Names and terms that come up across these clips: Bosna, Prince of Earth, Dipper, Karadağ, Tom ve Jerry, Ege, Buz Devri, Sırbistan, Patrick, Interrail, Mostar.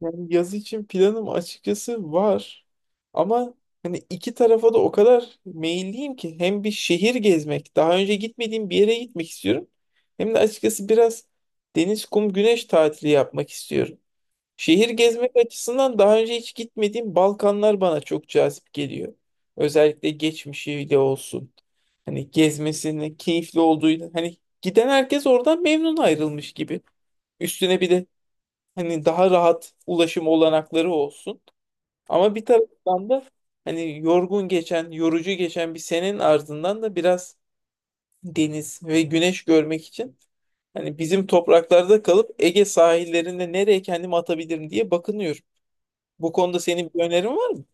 Yani yaz için planım açıkçası var. Ama hani iki tarafa da o kadar meyilliyim ki hem bir şehir gezmek, daha önce gitmediğim bir yere gitmek istiyorum. Hem de açıkçası biraz deniz, kum, güneş tatili yapmak istiyorum. Şehir gezmek açısından daha önce hiç gitmediğim Balkanlar bana çok cazip geliyor. Özellikle geçmişiyle olsun. Hani gezmesinin keyifli olduğuyla hani giden herkes oradan memnun ayrılmış gibi. Üstüne bir de hani daha rahat ulaşım olanakları olsun. Ama bir taraftan da hani yorgun geçen, yorucu geçen bir senenin ardından da biraz deniz ve güneş görmek için hani bizim topraklarda kalıp Ege sahillerinde nereye kendimi atabilirim diye bakınıyorum. Bu konuda senin bir önerin var mı?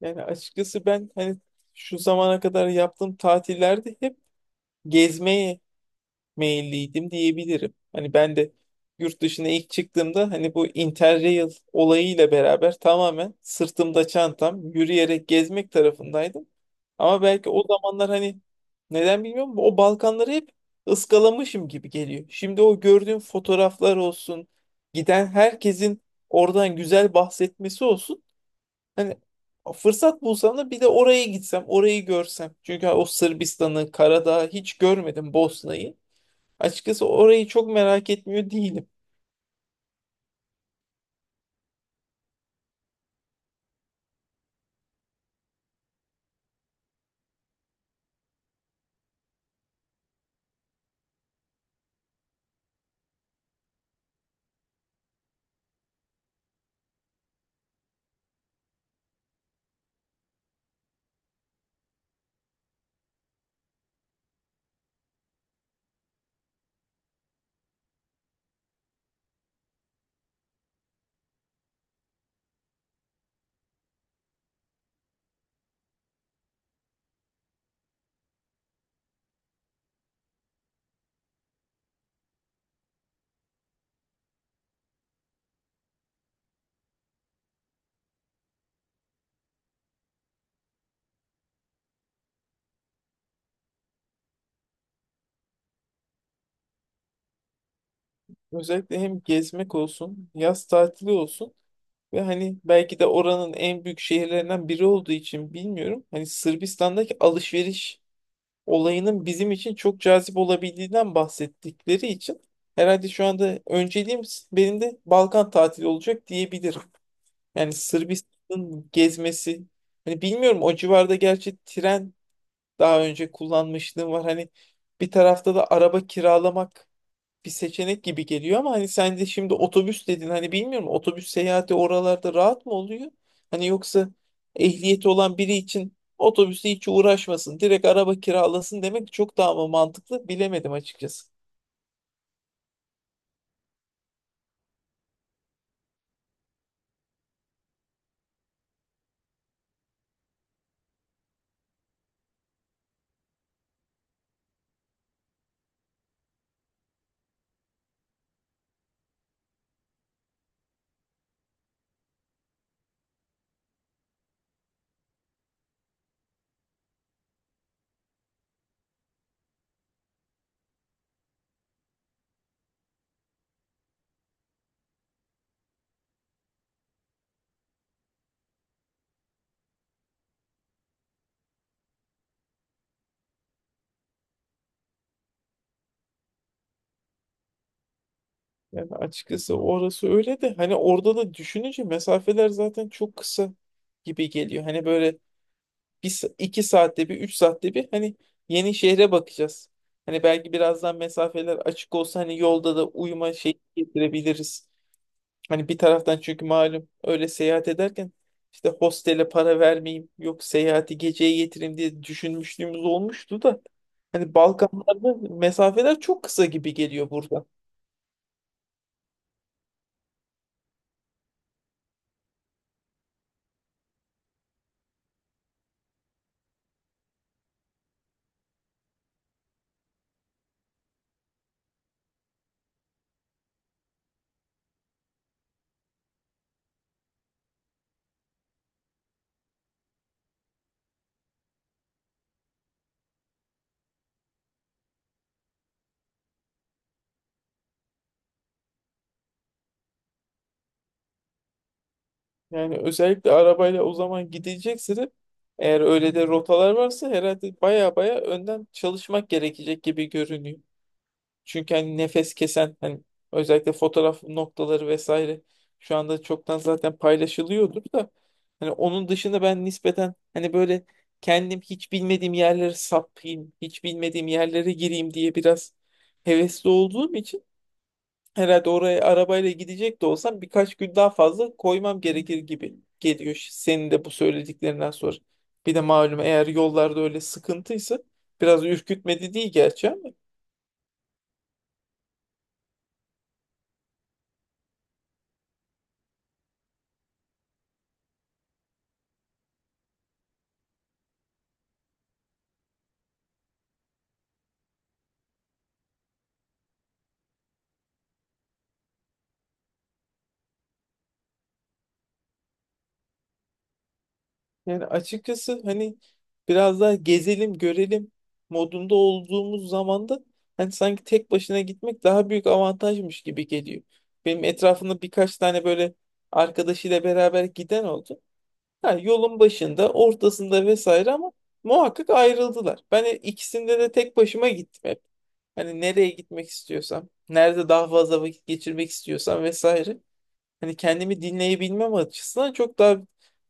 Yani açıkçası ben hani şu zamana kadar yaptığım tatillerde hep gezmeye meyilliydim diyebilirim. Hani ben de yurt dışına ilk çıktığımda hani bu Interrail olayıyla beraber tamamen sırtımda çantam yürüyerek gezmek tarafındaydım. Ama belki o zamanlar hani neden bilmiyorum o Balkanları hep ıskalamışım gibi geliyor. Şimdi o gördüğüm fotoğraflar olsun, giden herkesin oradan güzel bahsetmesi olsun. Hani fırsat bulsam da bir de oraya gitsem, orayı görsem. Çünkü o Sırbistan'ı, Karadağ'ı hiç görmedim, Bosna'yı. Açıkçası orayı çok merak etmiyor değilim. Özellikle hem gezmek olsun, yaz tatili olsun ve hani belki de oranın en büyük şehirlerinden biri olduğu için bilmiyorum. Hani Sırbistan'daki alışveriş olayının bizim için çok cazip olabildiğinden bahsettikleri için herhalde şu anda önceliğim benim de Balkan tatili olacak diyebilirim. Yani Sırbistan'ın gezmesi, hani bilmiyorum o civarda gerçi tren daha önce kullanmışlığım var. Hani bir tarafta da araba kiralamak bir seçenek gibi geliyor ama hani sen de şimdi otobüs dedin, hani bilmiyorum, otobüs seyahati oralarda rahat mı oluyor? Hani yoksa ehliyeti olan biri için otobüsle hiç uğraşmasın, direkt araba kiralasın demek çok daha mı mantıklı bilemedim açıkçası. Yani açıkçası orası öyle de hani orada da düşününce mesafeler zaten çok kısa gibi geliyor. Hani böyle bir, iki saatte bir, üç saatte bir hani yeni şehre bakacağız. Hani belki birazdan mesafeler açık olsa hani yolda da uyuma şeyi getirebiliriz. Hani bir taraftan çünkü malum öyle seyahat ederken işte hostele para vermeyeyim, yok seyahati geceye getireyim diye düşünmüşlüğümüz olmuştu da hani Balkanlarda mesafeler çok kısa gibi geliyor burada. Yani özellikle arabayla o zaman gidecekse de eğer öyle de rotalar varsa herhalde baya baya önden çalışmak gerekecek gibi görünüyor. Çünkü hani nefes kesen hani özellikle fotoğraf noktaları vesaire şu anda çoktan zaten paylaşılıyordur da hani onun dışında ben nispeten hani böyle kendim hiç bilmediğim yerlere sapayım, hiç bilmediğim yerlere gireyim diye biraz hevesli olduğum için herhalde oraya arabayla gidecek de olsam birkaç gün daha fazla koymam gerekir gibi geliyor senin de bu söylediklerinden sonra. Bir de malum eğer yollarda öyle sıkıntıysa biraz ürkütmedi değil gerçi ama. Yani açıkçası hani biraz daha gezelim, görelim modunda olduğumuz zaman da hani sanki tek başına gitmek daha büyük avantajmış gibi geliyor. Benim etrafımda birkaç tane böyle arkadaşıyla beraber giden oldu. Ha, yolun başında, ortasında vesaire ama muhakkak ayrıldılar. Ben ikisinde de tek başıma gittim hep. Hani nereye gitmek istiyorsam, nerede daha fazla vakit geçirmek istiyorsam vesaire hani kendimi dinleyebilmem açısından çok daha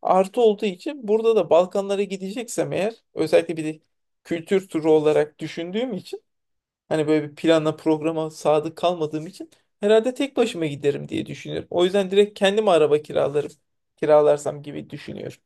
artı olduğu için burada da Balkanlara gideceksem eğer özellikle bir de kültür turu olarak düşündüğüm için hani böyle bir plana programa sadık kalmadığım için herhalde tek başıma giderim diye düşünüyorum. O yüzden direkt kendime araba kiralarım, kiralarsam gibi düşünüyorum.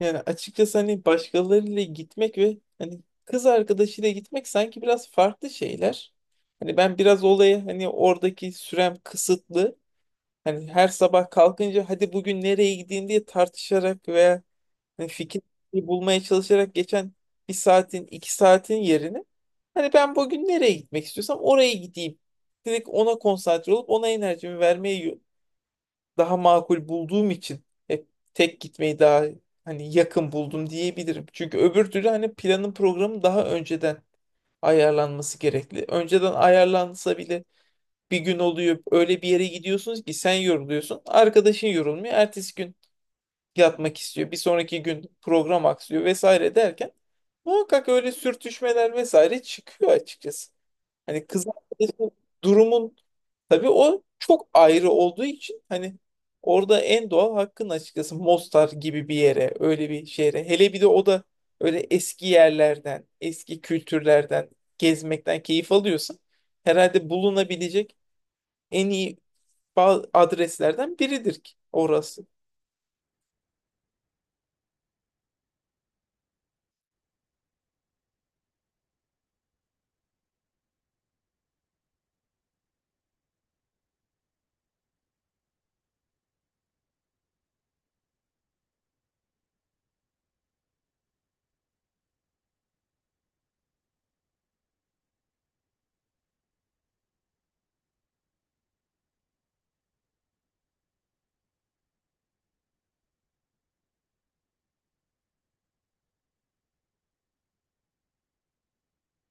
Yani açıkçası hani başkalarıyla gitmek ve hani kız arkadaşıyla gitmek sanki biraz farklı şeyler. Hani ben biraz olayı hani oradaki sürem kısıtlı. Hani her sabah kalkınca hadi bugün nereye gideyim diye tartışarak veya hani fikir bulmaya çalışarak geçen bir saatin iki saatin yerine hani ben bugün nereye gitmek istiyorsam oraya gideyim. Direkt ona konsantre olup ona enerjimi vermeye daha makul bulduğum için hep tek gitmeyi daha hani yakın buldum diyebilirim. Çünkü öbür türlü hani planın programı daha önceden ayarlanması gerekli. Önceden ayarlansa bile bir gün oluyor öyle bir yere gidiyorsunuz ki sen yoruluyorsun, arkadaşın yorulmuyor, ertesi gün yatmak istiyor, bir sonraki gün program aksıyor vesaire derken muhakkak öyle sürtüşmeler vesaire çıkıyor açıkçası. Hani kız arkadaşı durumun, tabii o çok ayrı olduğu için hani orada en doğal hakkın açıkçası Mostar gibi bir yere, öyle bir şehre. Hele bir de o da öyle eski yerlerden, eski kültürlerden gezmekten keyif alıyorsan herhalde bulunabilecek en iyi adreslerden biridir ki orası.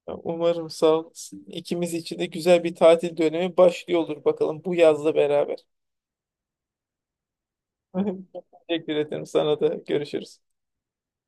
Ya umarım sağ olasın. İkimiz için de güzel bir tatil dönemi başlıyor olur bakalım bu yazla beraber. Teşekkür ederim, sana da görüşürüz.